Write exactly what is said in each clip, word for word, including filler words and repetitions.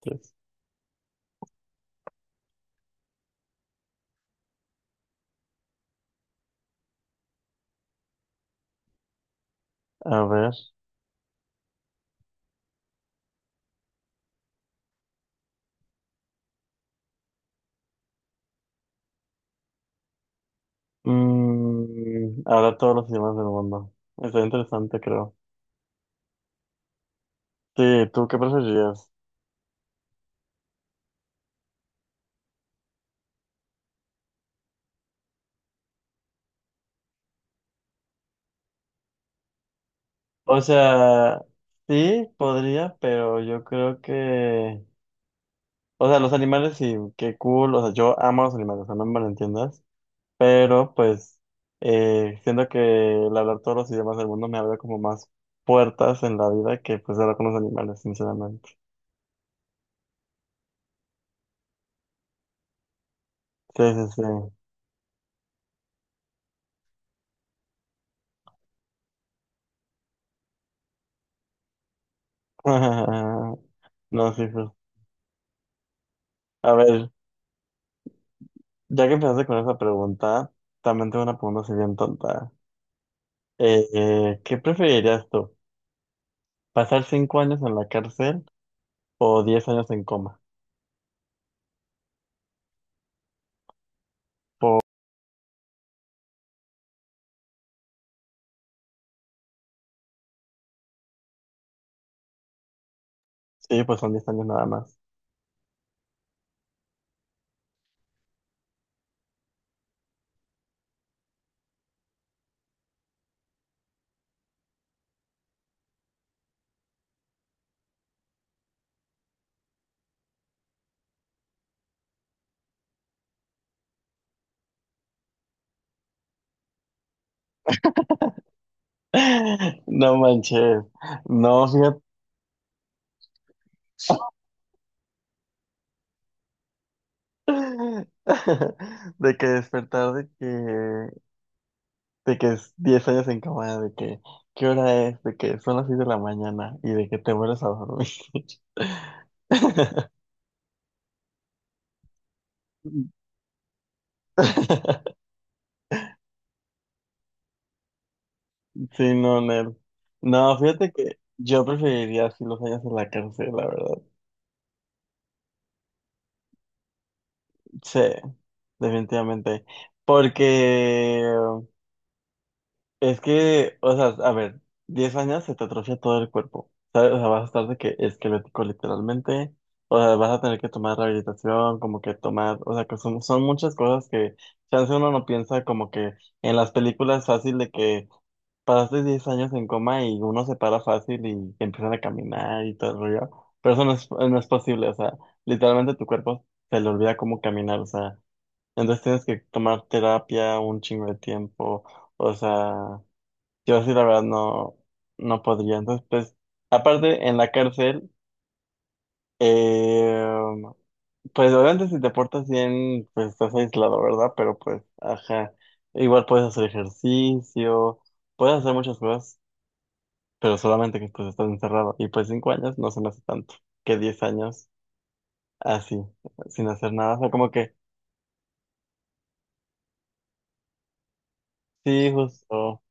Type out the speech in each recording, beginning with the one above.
Tres. A ver. Mm, ahora todos los idiomas del mundo. Está interesante, creo. Sí, ¿tú qué preferirías? O sea, sí, podría, pero yo creo que... O sea, los animales sí, qué cool. O sea, yo amo a los animales, o sea, no me malentiendas. Pero pues, eh, siento que el hablar todos los idiomas del mundo me abre como más puertas en la vida que pues hablar con los animales, sinceramente. Sí, sí, sí. No, sí, pues. A ver. Ya que empezaste con esa pregunta, también tengo una pregunta así bien tonta. Eh, eh, ¿qué preferirías tú? ¿Pasar cinco años en la cárcel o diez años en coma? Sí, pues son diez años nada más. No manches. No, fíjate. De que despertar de que, de que es diez años en cama, de que, ¿qué hora es? De que son las seis de la mañana y de que te vuelves a dormir. Sí, no, Nel. No, fíjate que yo preferiría así los años en la cárcel, la verdad. Sí, definitivamente. Porque es que, o sea, a ver, diez años se te atrofia todo el cuerpo. ¿Sabes? O sea, vas a estar de que esquelético literalmente. O sea, vas a tener que tomar rehabilitación, como que tomar, o sea, que son, son muchas cosas que chance uno no piensa como que en las películas fácil de que pasaste diez años en coma y uno se para fácil y empiezan a caminar y todo el rollo. Pero eso no es, no es posible, o sea, literalmente tu cuerpo se le olvida cómo caminar, o sea, entonces tienes que tomar terapia un chingo de tiempo, o sea, yo sí la verdad no, no podría. Entonces, pues, aparte en la cárcel, eh, pues obviamente si te portas bien, pues estás aislado, ¿verdad? Pero pues, ajá, igual puedes hacer ejercicio, puedes hacer muchas cosas pero solamente que pues estás encerrado. Y pues cinco años no se me hace tanto que diez años así, sin hacer nada. O sea, como que sí, justo,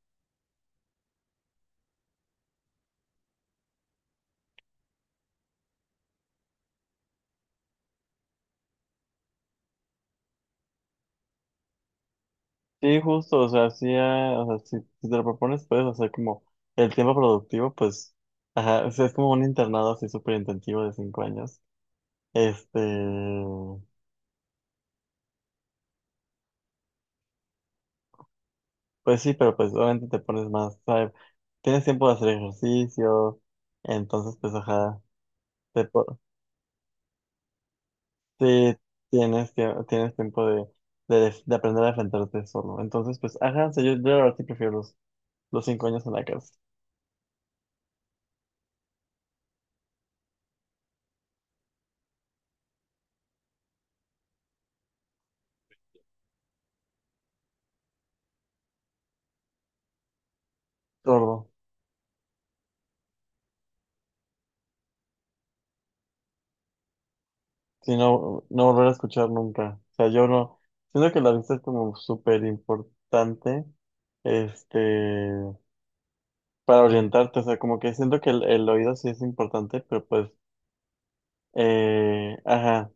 sí, justo, o sea, sí, ah, o sea, si, si te lo propones, puedes hacer como el tiempo productivo, pues, ajá, o sea, es como un internado así súper intensivo de cinco años. Este, pues sí, pero pues obviamente te pones más, ¿sabes? Tienes tiempo de hacer ejercicio, entonces pues ajá, te, po- sí, tienes, que, tienes tiempo de, de, def- de aprender a defenderte solo. Entonces, pues, ajá, sí, yo, yo la verdad sí prefiero los, los cinco años en la cárcel. Sordo. Si no, no volver a escuchar nunca. O sea, yo no. Siento que la vista es como súper importante, este, para orientarte. O sea, como que siento que el, el oído sí es importante, pero pues, eh, ajá.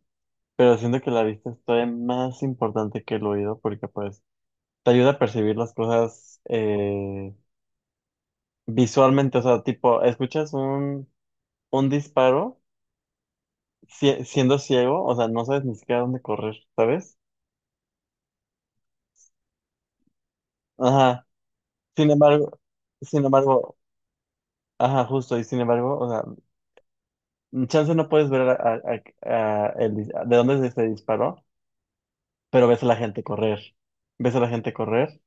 Pero siento que la vista es todavía más importante que el oído, porque pues te ayuda a percibir las cosas, eh, visualmente, o sea, tipo, escuchas un, un disparo si- siendo ciego, o sea, no sabes ni siquiera dónde correr, ¿sabes? Ajá. Sin embargo, sin embargo, ajá, justo, y sin embargo, o sea, mm, chance no puedes ver a- a- a- a el dis- de dónde se disparó, pero ves a la gente correr, ves a la gente correr,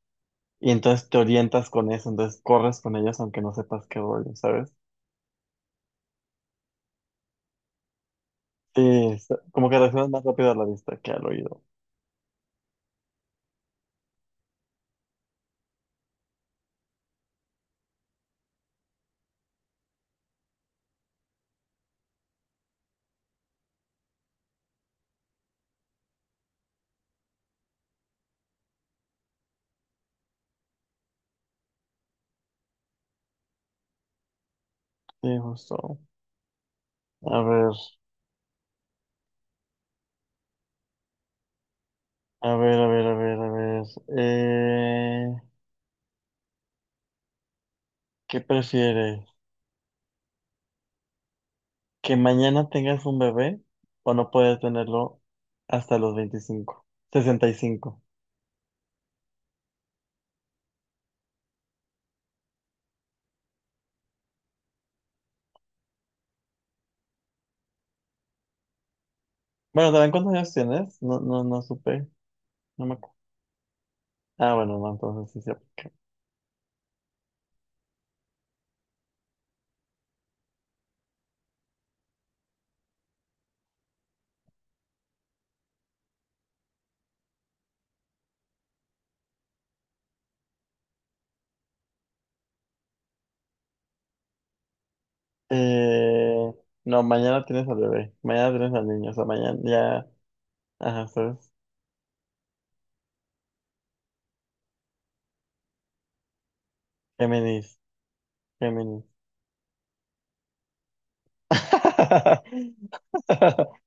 y entonces te orientas con eso, entonces corres con ellos aunque no sepas qué rollo, ¿sabes? Sí, es- como que reaccionas más rápido a la vista que al oído. Sí, justo. A ver. A ver, a ver, a ver, a ver. Eh, ¿qué prefieres? ¿Que mañana tengas un bebé o no puedes tenerlo hasta los veinticinco, sesenta y cinco? Bueno, ¿saben cuántos años tienes? No, no, no supe. No me acu- Ah, bueno, no, entonces sí se aplica. Eh, no, mañana tienes al bebé. Mañana tienes al niño. O sea, mañana ya. Ajá, ¿sabes? Géminis. Géminis.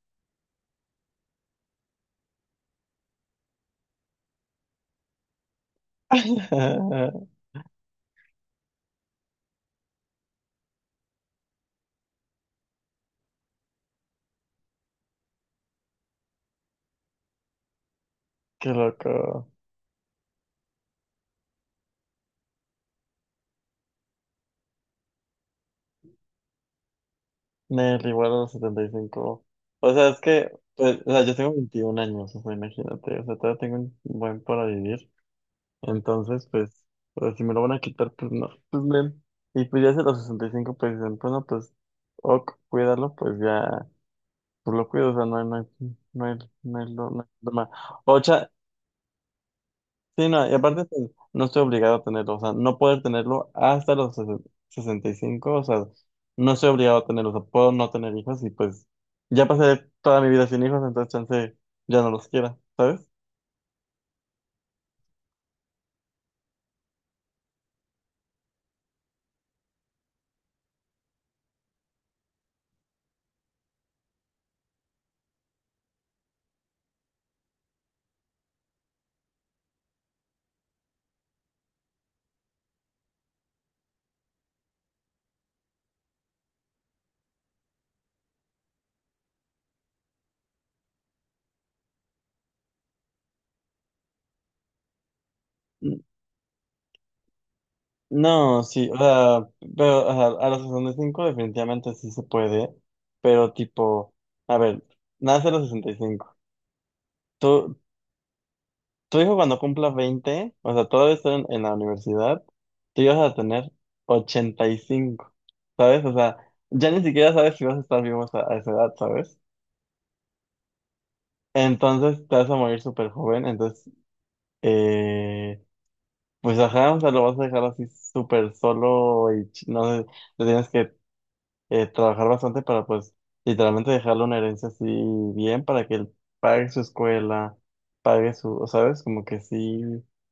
Qué loco. Me igual a los setenta y cinco. O sea, es que, pues, o sea, yo tengo veintiún años, o sea, imagínate, o sea, todavía tengo un buen para vivir. Entonces, pues, pues, si me lo van a quitar, pues no, pues men. Y pues ya hacia los sesenta y cinco pues dicen, bueno, pues, ok, cuídalo, pues ya, pues lo cuido, o sea, no hay, no hay, no hay, no hay, lo- no hay problema. Ocha, sí, no, y aparte pues, no estoy obligado a tenerlo, o sea, no poder tenerlo hasta los sesen- sesenta y cinco, o sea, no estoy obligado a tenerlo, o sea, puedo no tener hijos y pues ya pasé toda mi vida sin hijos, entonces chance ya no los quiera, ¿sabes? N- No, sí, o sea, pero o sea, a los sesenta y cinco definitivamente sí se puede, pero tipo, a ver, nace a los sesenta y cinco. Tu hijo cuando cumpla veinte, o sea, todavía está en, en la universidad, tú ya vas a tener ochenta y cinco, ¿sabes? O sea, ya ni siquiera sabes si vas a estar vivo a, a esa edad, ¿sabes? Entonces te vas a morir súper joven, entonces, eh, pues ajá, o sea, lo vas a dejar así súper solo y ch- no sé, te tienes que eh, trabajar bastante para pues literalmente dejarle una herencia así bien para que él pague su escuela, pague su, o ¿sabes? Como que sí,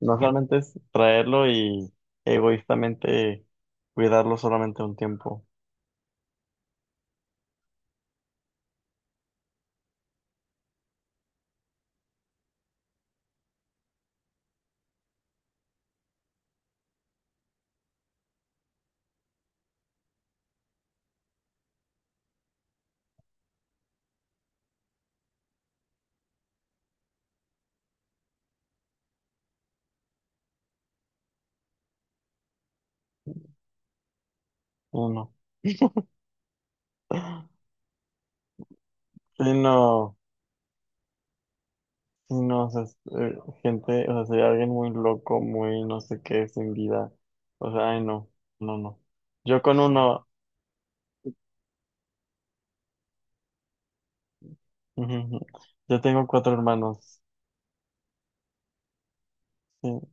no solamente es traerlo y egoístamente cuidarlo solamente un tiempo, uno. Sí, no, sí, no, o sea, es, eh, gente, o sea, sería alguien muy loco, muy no sé qué, sin vida. O sea, ay, no, no, no. Yo con uno. Yo tengo cuatro hermanos. Sí.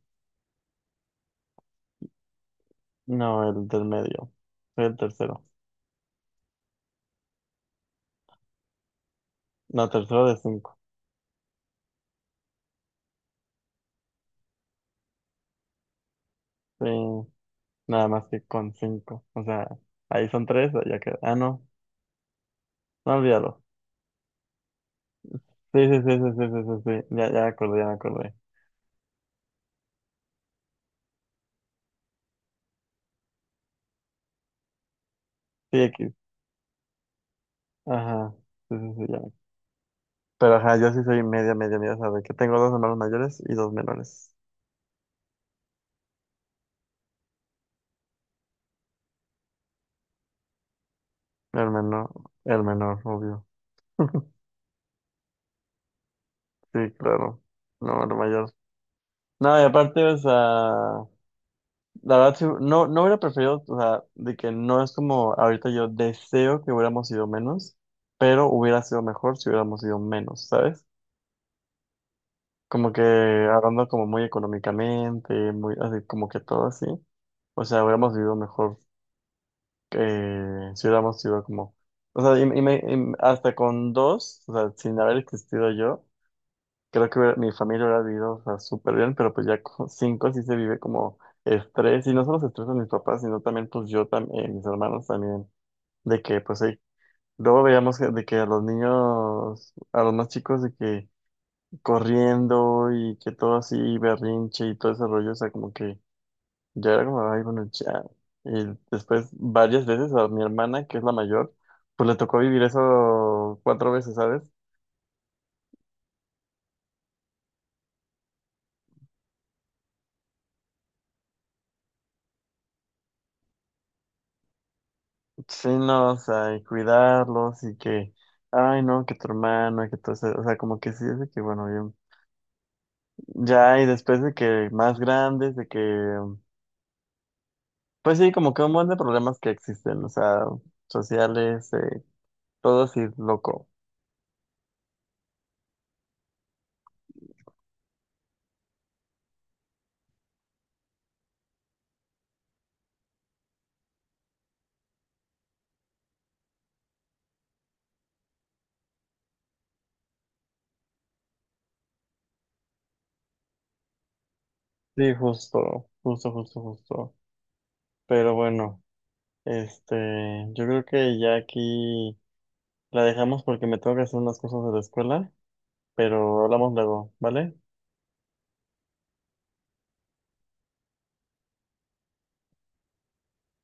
No, el del medio. Soy el tercero. No, tercero de cinco. Sí, nada más que con cinco. O sea, ahí son tres, ya queda. Ah, no. No olvídalo. Sí, sí, sí, sí, sí, sí, sí, sí. Ya, ya me acordé, ya me acordé. Sí, X. Ajá. Sí, sí, sí, ya. me- Pero ajá, yo sí soy media, media, media, ¿sabes? Que tengo dos hermanos mayores y dos menores. El menor, el menor, obvio. Sí, claro. No, el mayor. No, y aparte, o sea. La verdad, sí, no, no hubiera preferido, o sea, de que no es como ahorita yo deseo que hubiéramos sido menos, pero hubiera sido mejor si hubiéramos sido menos, ¿sabes? Como que hablando como muy económicamente, muy así, como que todo así. O sea, hubiéramos vivido mejor eh, si hubiéramos sido como, o sea, y- y me- y hasta con dos, o sea, sin haber existido yo, creo que hubiera- mi familia hubiera vivido, o sea, súper bien, pero pues ya con cinco sí se vive como estrés, y no solo se estresan mis papás, sino también pues yo también, mis hermanos también, de que pues ahí, luego veíamos que- de que a los niños, a los más chicos de que corriendo y que todo así berrinche y todo ese rollo, o sea, como que ya era como, ay, bueno, ya. Y después varias veces a mi hermana, que es la mayor, pues le tocó vivir eso cuatro veces, ¿sabes? Sí, no, o sea, y cuidarlos y que, ay, no, que tu hermano, que todo eso, o sea, como que sí, es de que, bueno, yo- ya, y después de que más grandes, de que, pues sí, como que un montón de problemas que existen, o sea, sociales, eh, todo así, loco. Sí, justo, justo, justo, justo. Pero bueno, este, yo creo que ya aquí la dejamos porque me tengo que hacer unas cosas de la escuela, pero hablamos luego, ¿vale?